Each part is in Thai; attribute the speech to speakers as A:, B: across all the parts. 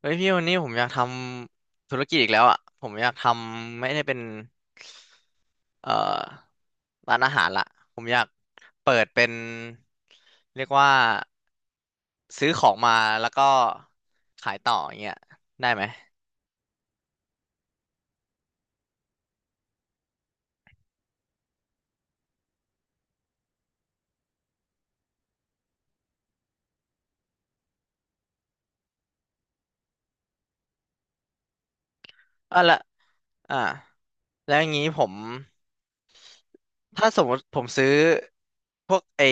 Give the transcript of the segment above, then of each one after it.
A: เฮ้ยพี่วันนี้ผมอยากทำธุรกิจอีกแล้วอ่ะผมอยากทำไม่ได้เป็นเอ่อร้านอาหารละผมอยากเปิดเป็นเรียกว่าซื้อของมาแล้วก็ขายต่ออย่างเงี้ยได้ไหมอ่ะละอ่าแล้วอย่างนี้ผมถ้าสมมติผมซื้อพวกไอ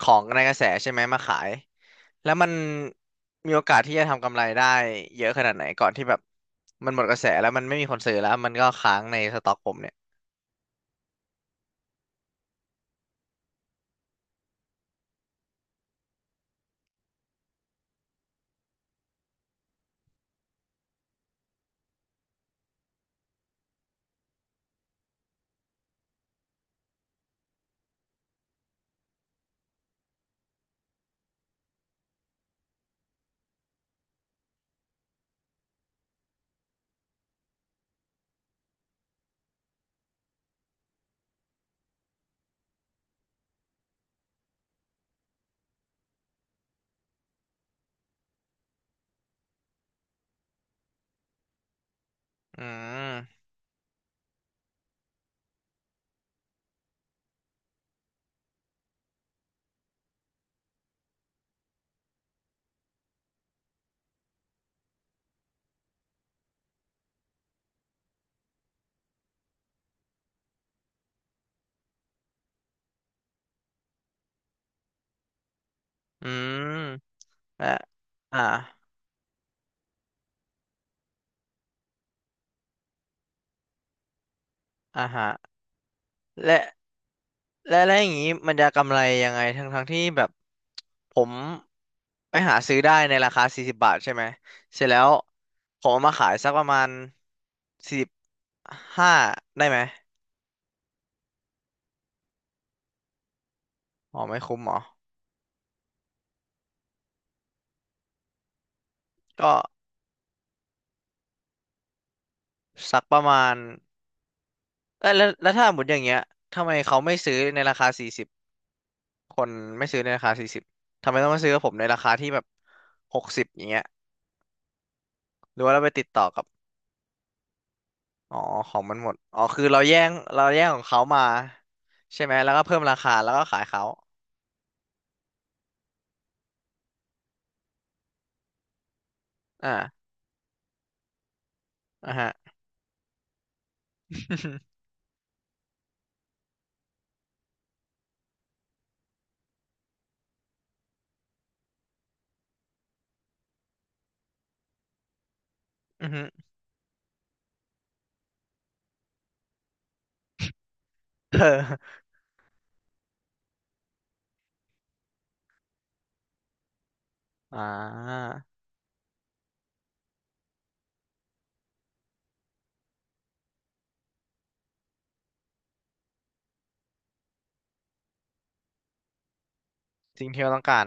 A: ของในกระแสใช่ไหมมาขาย แล้วมันมีโอกาสที่จะทำกำไรได้เยอะขนาดไหนก่อนที่แบบมันหมดกระแสแล้วมันไม่มีคนซื้อแล้วมันก็ค้างในสต็อกผมเนี่ยอืมอืมอ่ะอ่าอ่าฮะและและอย่างนี้มันจะกำไรยังไงทั้งที่แบบผมไปหาซื้อได้ในราคา40 บาทใช่ไหมเสร็จแล้วผมเอามาขายสักประมาณ45ได้ไหมอ๋อไม่คุ้มเหรอก็สักประมาณ เออแล้วแล้วถ้าหมดอย่างเงี้ยทำไมเขาไม่ซื้อในราคาสี่สิบคนไม่ซื้อในราคาสี่สิบทำไมต้องมาซื้อกับผมในราคาที่แบบ60อย่างเงี้ยหรือว่าเราไปติดต่อกับอ๋อของมันหมดอ๋อคือเราแย่งของเขามาใช่ไหมแล้วก็เพิ่มราคาแล้วก็ขายเขาอ่าอ่าฮะ อือฮึ เอออ่าสิ่งที่เราต้องการ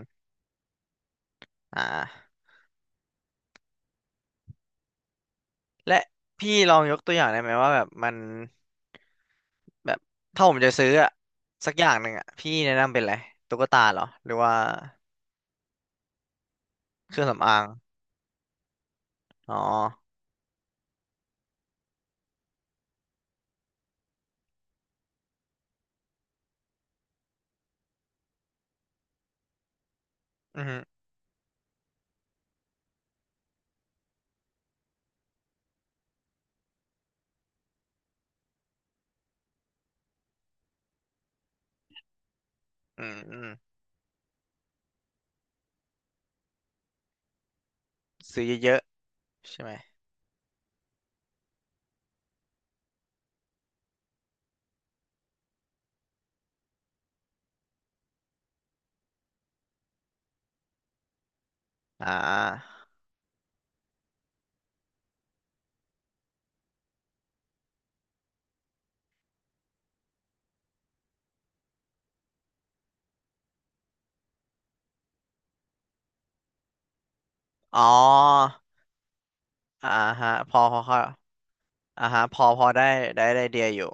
A: อ่าและพี่ลองยกตัวอย่างได้ไหมว่าแบบมันแบบถ้าผมจะซื้ออะสักอย่างหนึ่งอะพี่แนะนำเป็นอะไรตุ๊กตาเหรอหรือว่า เครื่องสำอางอ๋ออืมอืมอืมซื้อเยอะๆใช่ไหมอ่าอ๋ออ่าฮะพอพอเข้าอ่าฮะพอพอได้ได้ไอเดียอยู่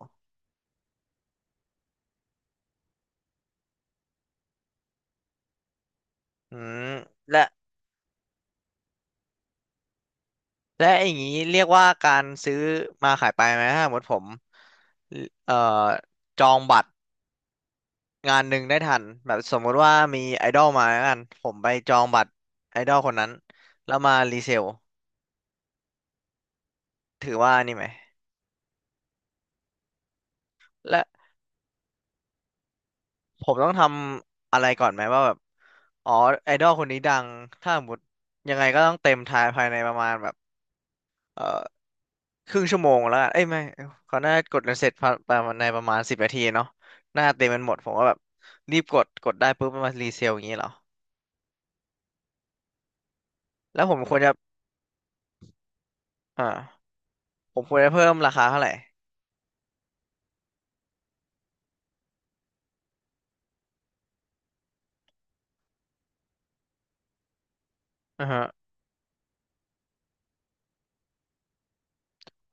A: อืมและและอย่างนี้เรียกว่าการซื้อมาขายไปไหมถ้าสมมติผมเอ่อจองบัตรงานหนึ่งได้ทันแบบสมมุติว่ามีไอดอลมาแล้วกันผมไปจองบัตรไอดอลคนนั้น แล้วมารีเซล ถือว่านี่ไหม และ ผมต้องทำอะไรก่อนไหมว่าแบบอ๋อไอดอลคนนี้ดังถ้าสมมติยังไงก็ต้องเต็มทายภายในประมาณแบบเอ่อครึ่งชั่วโมงแล้วกันเอ้ยไม่เขาน่าจะกดกันเสร็จภายประมาณในประมาณ10 นาทีเนาะหน้าจะเต็มกันหมดผมก็แบบรีบกดกดได้ปุ๊บมันมารีเซลอย่างนี้เหรอแล้วผมควรจะอ่าผมควรจะเพิ่มราคาเท่าไหร่อือฮะ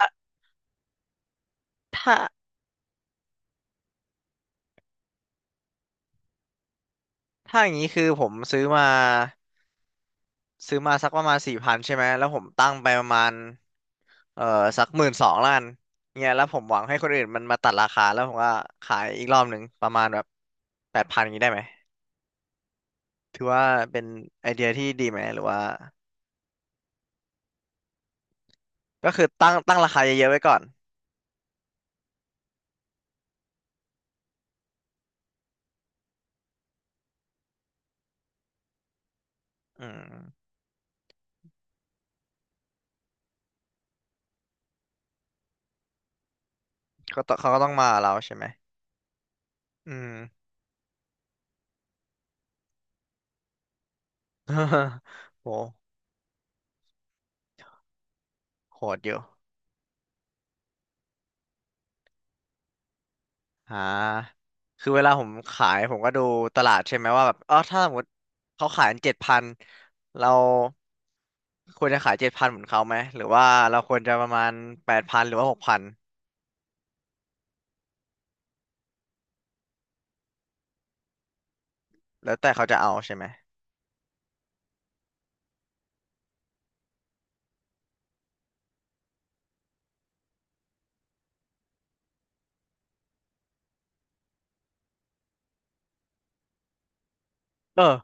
A: อ่ะถ้าถ้าอย่างนี้คือผมซื้อมา ซื้อมาสักประมาณสี่พันใช่ไหมแล้วผมตั้งไปประมาณเอ่อสัก10,002,000,000เนี่ยแล้วผมหวังให้คนอื่นมันมาตัดราคาแล้วผมก็ขายอีกรอบหนึ่งประมาณแบบแปดพันอย่างนี้ได้ไหม ถือว่าเป็นไอเดียที่ดีไหมหรือว่าก็คือตั้งราคาเยอะๆไว้ก่อนอืมเขาต้องเขาก็ต้องมากับเราใช่ไหมอืม โหโหดอยู่ อ่าคือเวลาผมขายผมก็ดูตลาดใช่ไหมว่าแบบอ๋อถ้าสมมติเขาขายเจ็ดพัน7,000เราควรจะขายเจ็ดพันเหมือนเขาไหมหรือว่าเราควรจะประมาณแปดพันหรือว่า6,000แล้วแต่เขาจะเอาใช่ไหมเออ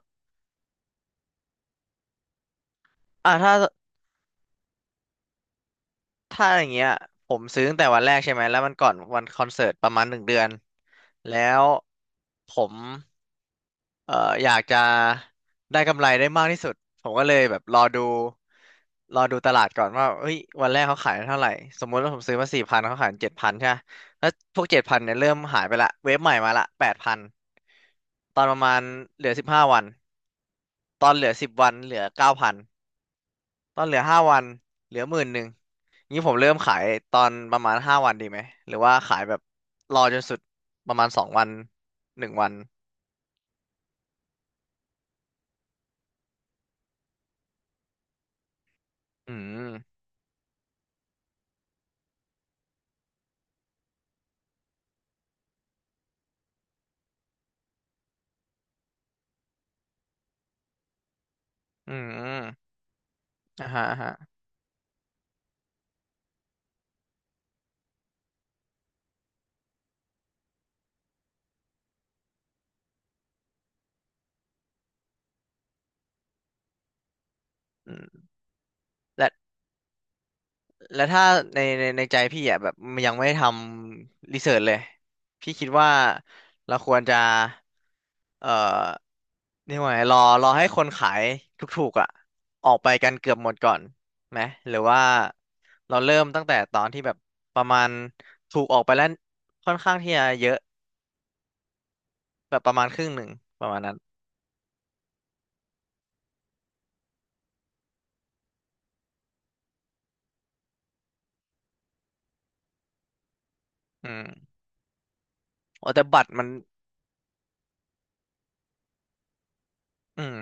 A: อ่าถ้า ถ้าอย่างเงี้ยผมซื้อตั้งแต่วันแรกใช่ไหมแล้วมันก่อนวันคอนเสิร์ตประมาณ1 เดือนแล้วผมเอ่ออยากจะได้กำไรได้มากที่สุดผมก็เลยแบบรอดูตลาดก่อนว่าเฮ้ยวันแรกเขาขายเท่าไหร่สมมุติว่าผมซื้อมาสี่พันเขาขายเจ็ดพันใช่ปะแล้วพวกเจ็ดพันเนี่ยเริ่มหายไปละเวฟใหม่มาละแปดพันตอนประมาณเหลือ15 วันตอนเหลือ10 วันเหลือ9,000 ตอนเหลือ5 วันเหลือหมื่นหนึ่งงี้ผมเริ่มขายตอนประมาณห้าวันดีไหมหรือว่าขายแบบรอจนสุดประมาณ2 วัน1 วันอืมอืมอ่าฮะอ่าฮะอืมและ แล้วถ้าในใจพี่อ่ะแบบมันยังไม่ได้ทำรีเสิร์ชเลยพี่คิดว่าเราควรจะเอ่อเรียกว่าไงรอรอให้คนขายถูกๆอ่ะออกไปกันเกือบหมดก่อนไหมหรือว่าเราเริ่มตั้งแต่ตอนที่แบบประมาณถูกออกไปแล้วค่อนข้างที่จะเยอะแบบประมาณครึ่งหนึ่งประมาณนั้นอืมโอ้แต่บัตรมันอืม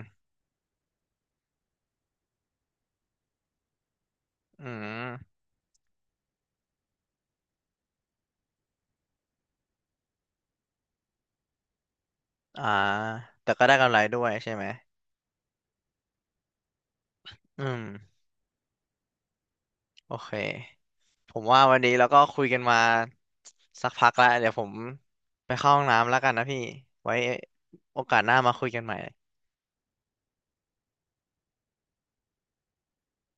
A: อืมอ่าแต่ก็ได้กำไรด้วยใช่ไหมอืมโอเค ผมว่าวันนี้เราก็คุยกันมาสักพักแล้วเดี๋ยวผมไปเข้าห้องน้ำแล้วกันนะพี่ไว้โอกาสหน้ามาคุยกันใหม่